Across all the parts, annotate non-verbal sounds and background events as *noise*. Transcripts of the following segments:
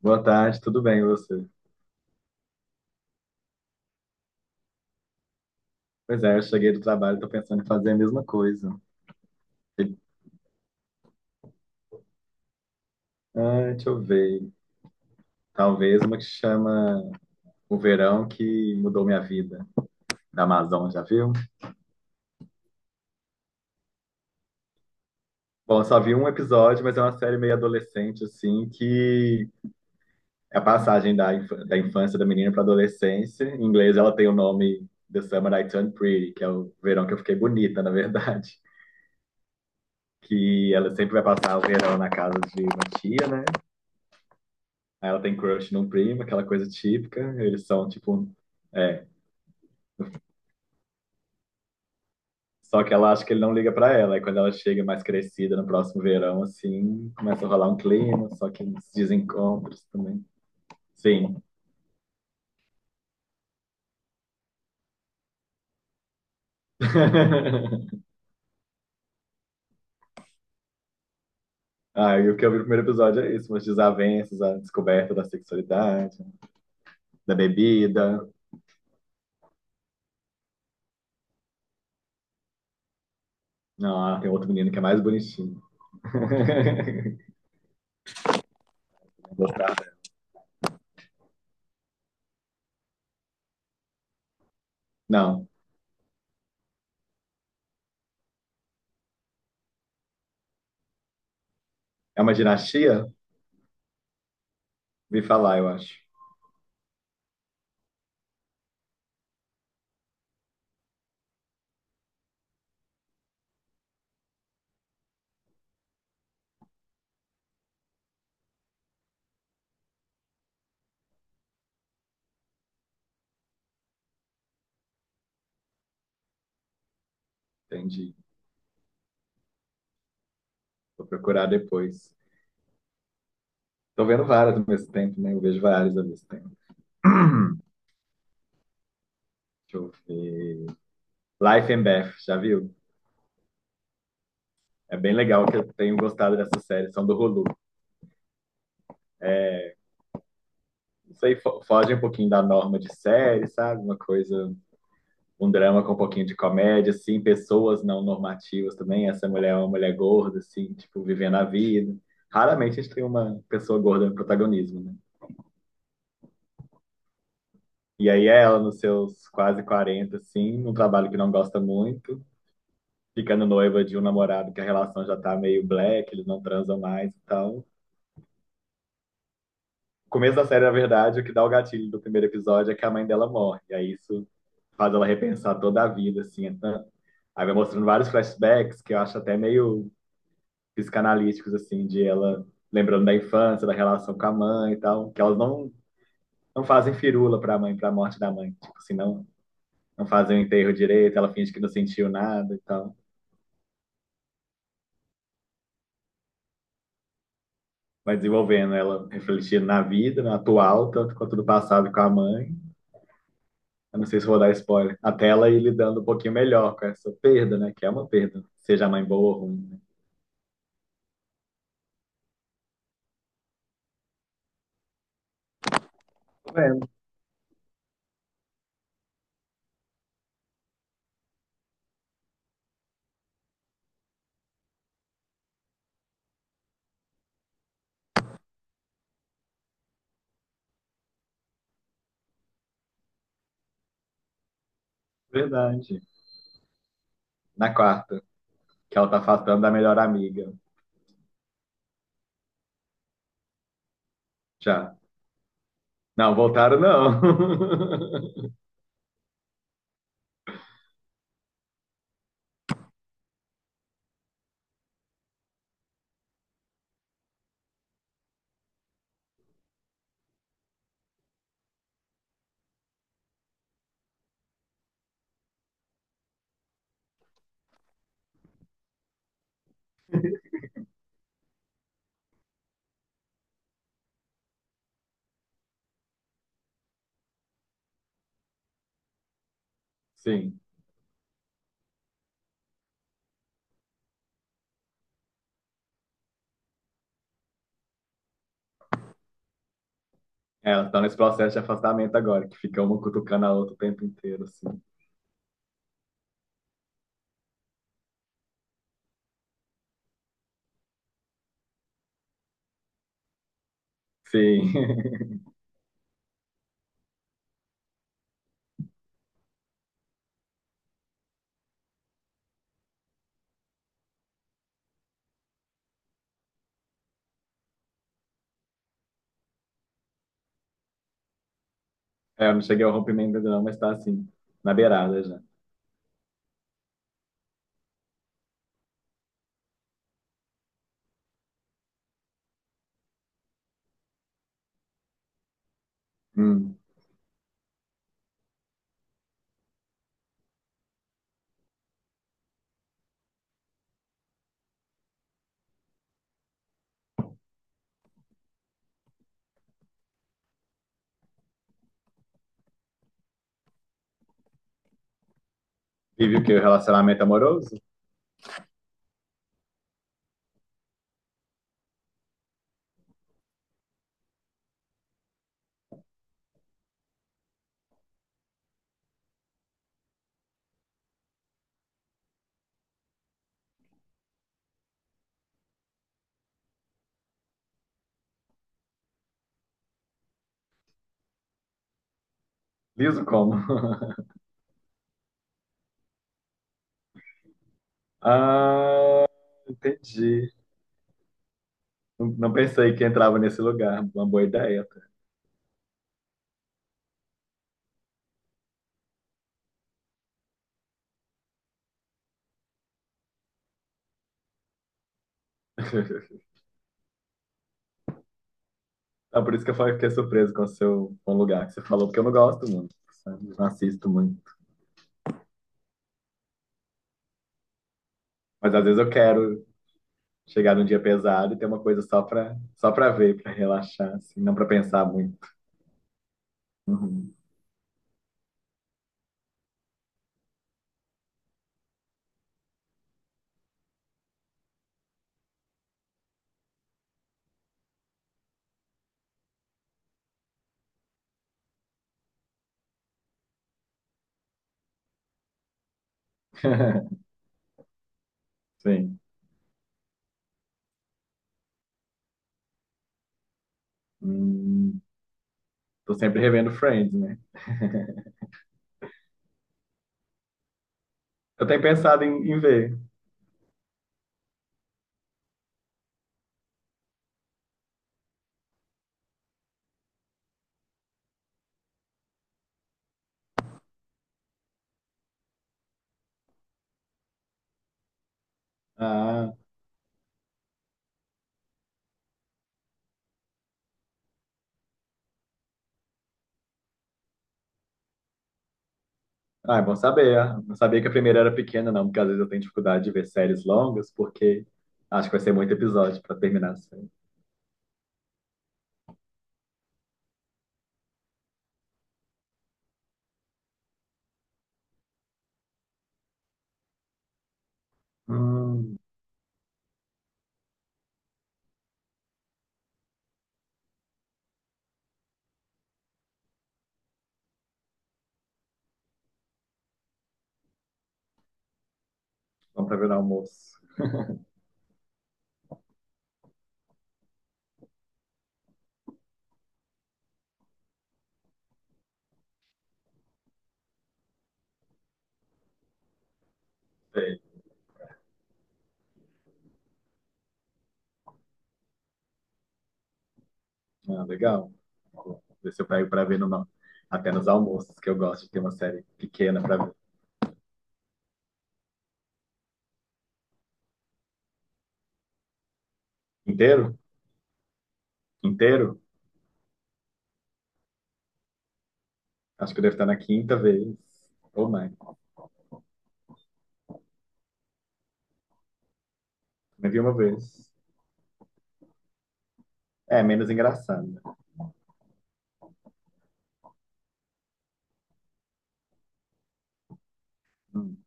Boa tarde, tudo bem, e você? Pois é, eu cheguei do trabalho, e tô pensando em fazer a mesma coisa. Ah, deixa eu ver. Talvez uma que chama O Verão que Mudou Minha Vida, da Amazon, já viu? Bom, eu só vi um episódio, mas é uma série meio adolescente, assim, que é a passagem da infância da menina para adolescência. Em inglês, ela tem o nome The Summer I Turned Pretty, que é o verão que eu fiquei bonita, na verdade. Que ela sempre vai passar o verão na casa de uma tia, né? Aí ela tem crush num primo, aquela coisa típica. Eles são, tipo, é. Só que ela acha que ele não liga pra ela. Aí quando ela chega mais crescida no próximo verão, assim, começa a rolar um clima, só que uns desencontros também. Sim. *laughs* Ah, e o que eu vi no primeiro episódio é isso, umas desavenças, a descoberta da sexualidade, da bebida. Não, ah, tem outro menino que é mais bonitinho. *laughs* Gostar, né? Não. É uma dinastia? Vi falar, eu acho. Entendi. Vou procurar depois. Tô vendo várias ao mesmo tempo, né? Eu vejo várias ao mesmo tempo. Deixa eu ver. Life and Beth, já viu? É bem legal, que eu tenho gostado dessa série, são do Hulu. Isso aí foge um pouquinho da norma de série, sabe? Uma coisa, um drama com um pouquinho de comédia, assim, pessoas não normativas também. Essa mulher é uma mulher gorda, assim, tipo, vivendo a vida. Raramente a gente tem uma pessoa gorda no protagonismo, né? E aí ela, nos seus quase 40, assim, num trabalho que não gosta muito, ficando noiva de um namorado que a relação já tá meio black, eles não transam mais, então. O começo da série, na verdade, o que dá o gatilho do primeiro episódio é que a mãe dela morre. E aí isso faz ela repensar toda a vida, assim, então. Aí vai mostrando vários flashbacks que eu acho até meio psicanalíticos, assim, de ela lembrando da infância, da relação com a mãe e tal, que elas não fazem firula pra mãe, pra morte da mãe. Tipo assim, não, não fazem o enterro direito, ela finge que não sentiu nada e tal. Vai desenvolvendo ela refletindo na vida, no atual, tanto quanto no passado com a mãe. Eu não sei se vou dar spoiler. Até ela ir lidando um pouquinho melhor com essa perda, né? Que é uma perda, seja a mãe boa ou ruim. Né? É, verdade. Na quarta, que ela tá afastando da melhor amiga. Já. Não, voltaram não. *laughs* Sim. É, elas estão nesse processo de afastamento agora, que fica uma cutucando a outra o tempo inteiro, assim. Sim. *laughs* É, eu não cheguei ao rompimento ainda não, mas tá assim, na beirada já. Hum. Vive o quê? O relacionamento amoroso? Liso como? *laughs* Ah, entendi. Não, não pensei que entrava nesse lugar. Uma boa ideia, tá? *laughs* Ah, por isso que eu fiquei surpreso com o seu com o lugar que você falou, porque eu não gosto muito, sabe? Não assisto muito. Mas às vezes eu quero chegar num dia pesado e ter uma coisa só pra ver, pra relaxar, assim, não pra pensar muito. Uhum. *laughs* Sim. Hum, Tô sempre revendo Friends, né? *laughs* Eu tenho pensado em ver. Ah. Ah, é bom saber, é. Não sabia que a primeira era pequena, não, porque às vezes eu tenho dificuldade de ver séries longas, porque acho que vai ser muito episódio para terminar a série. Hum, vamos para ver no almoço. Sei. Ah, legal. Vou ver se eu pego para ver numa... apenas almoços, que eu gosto de ter uma série pequena para ver. Inteiro? Inteiro? Acho que eu devo estar na quinta vez. Ou mais. Me vi uma vez. É, menos engraçado, né? Hum.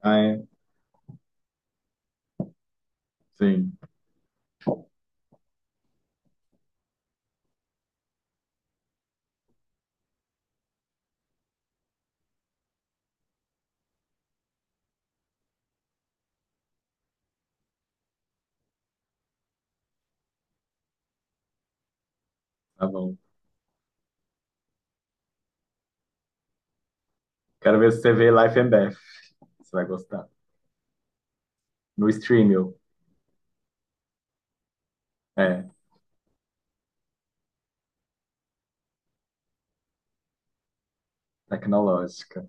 Ah, é? Sim, tá bom. Quero ver se você vê Life and Death. Você vai gostar. No Streamio. É. Tecnológica.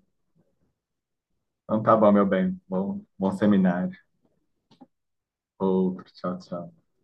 Então tá bom, meu bem. Bom, bom seminário. Outro. Tchau, tchau.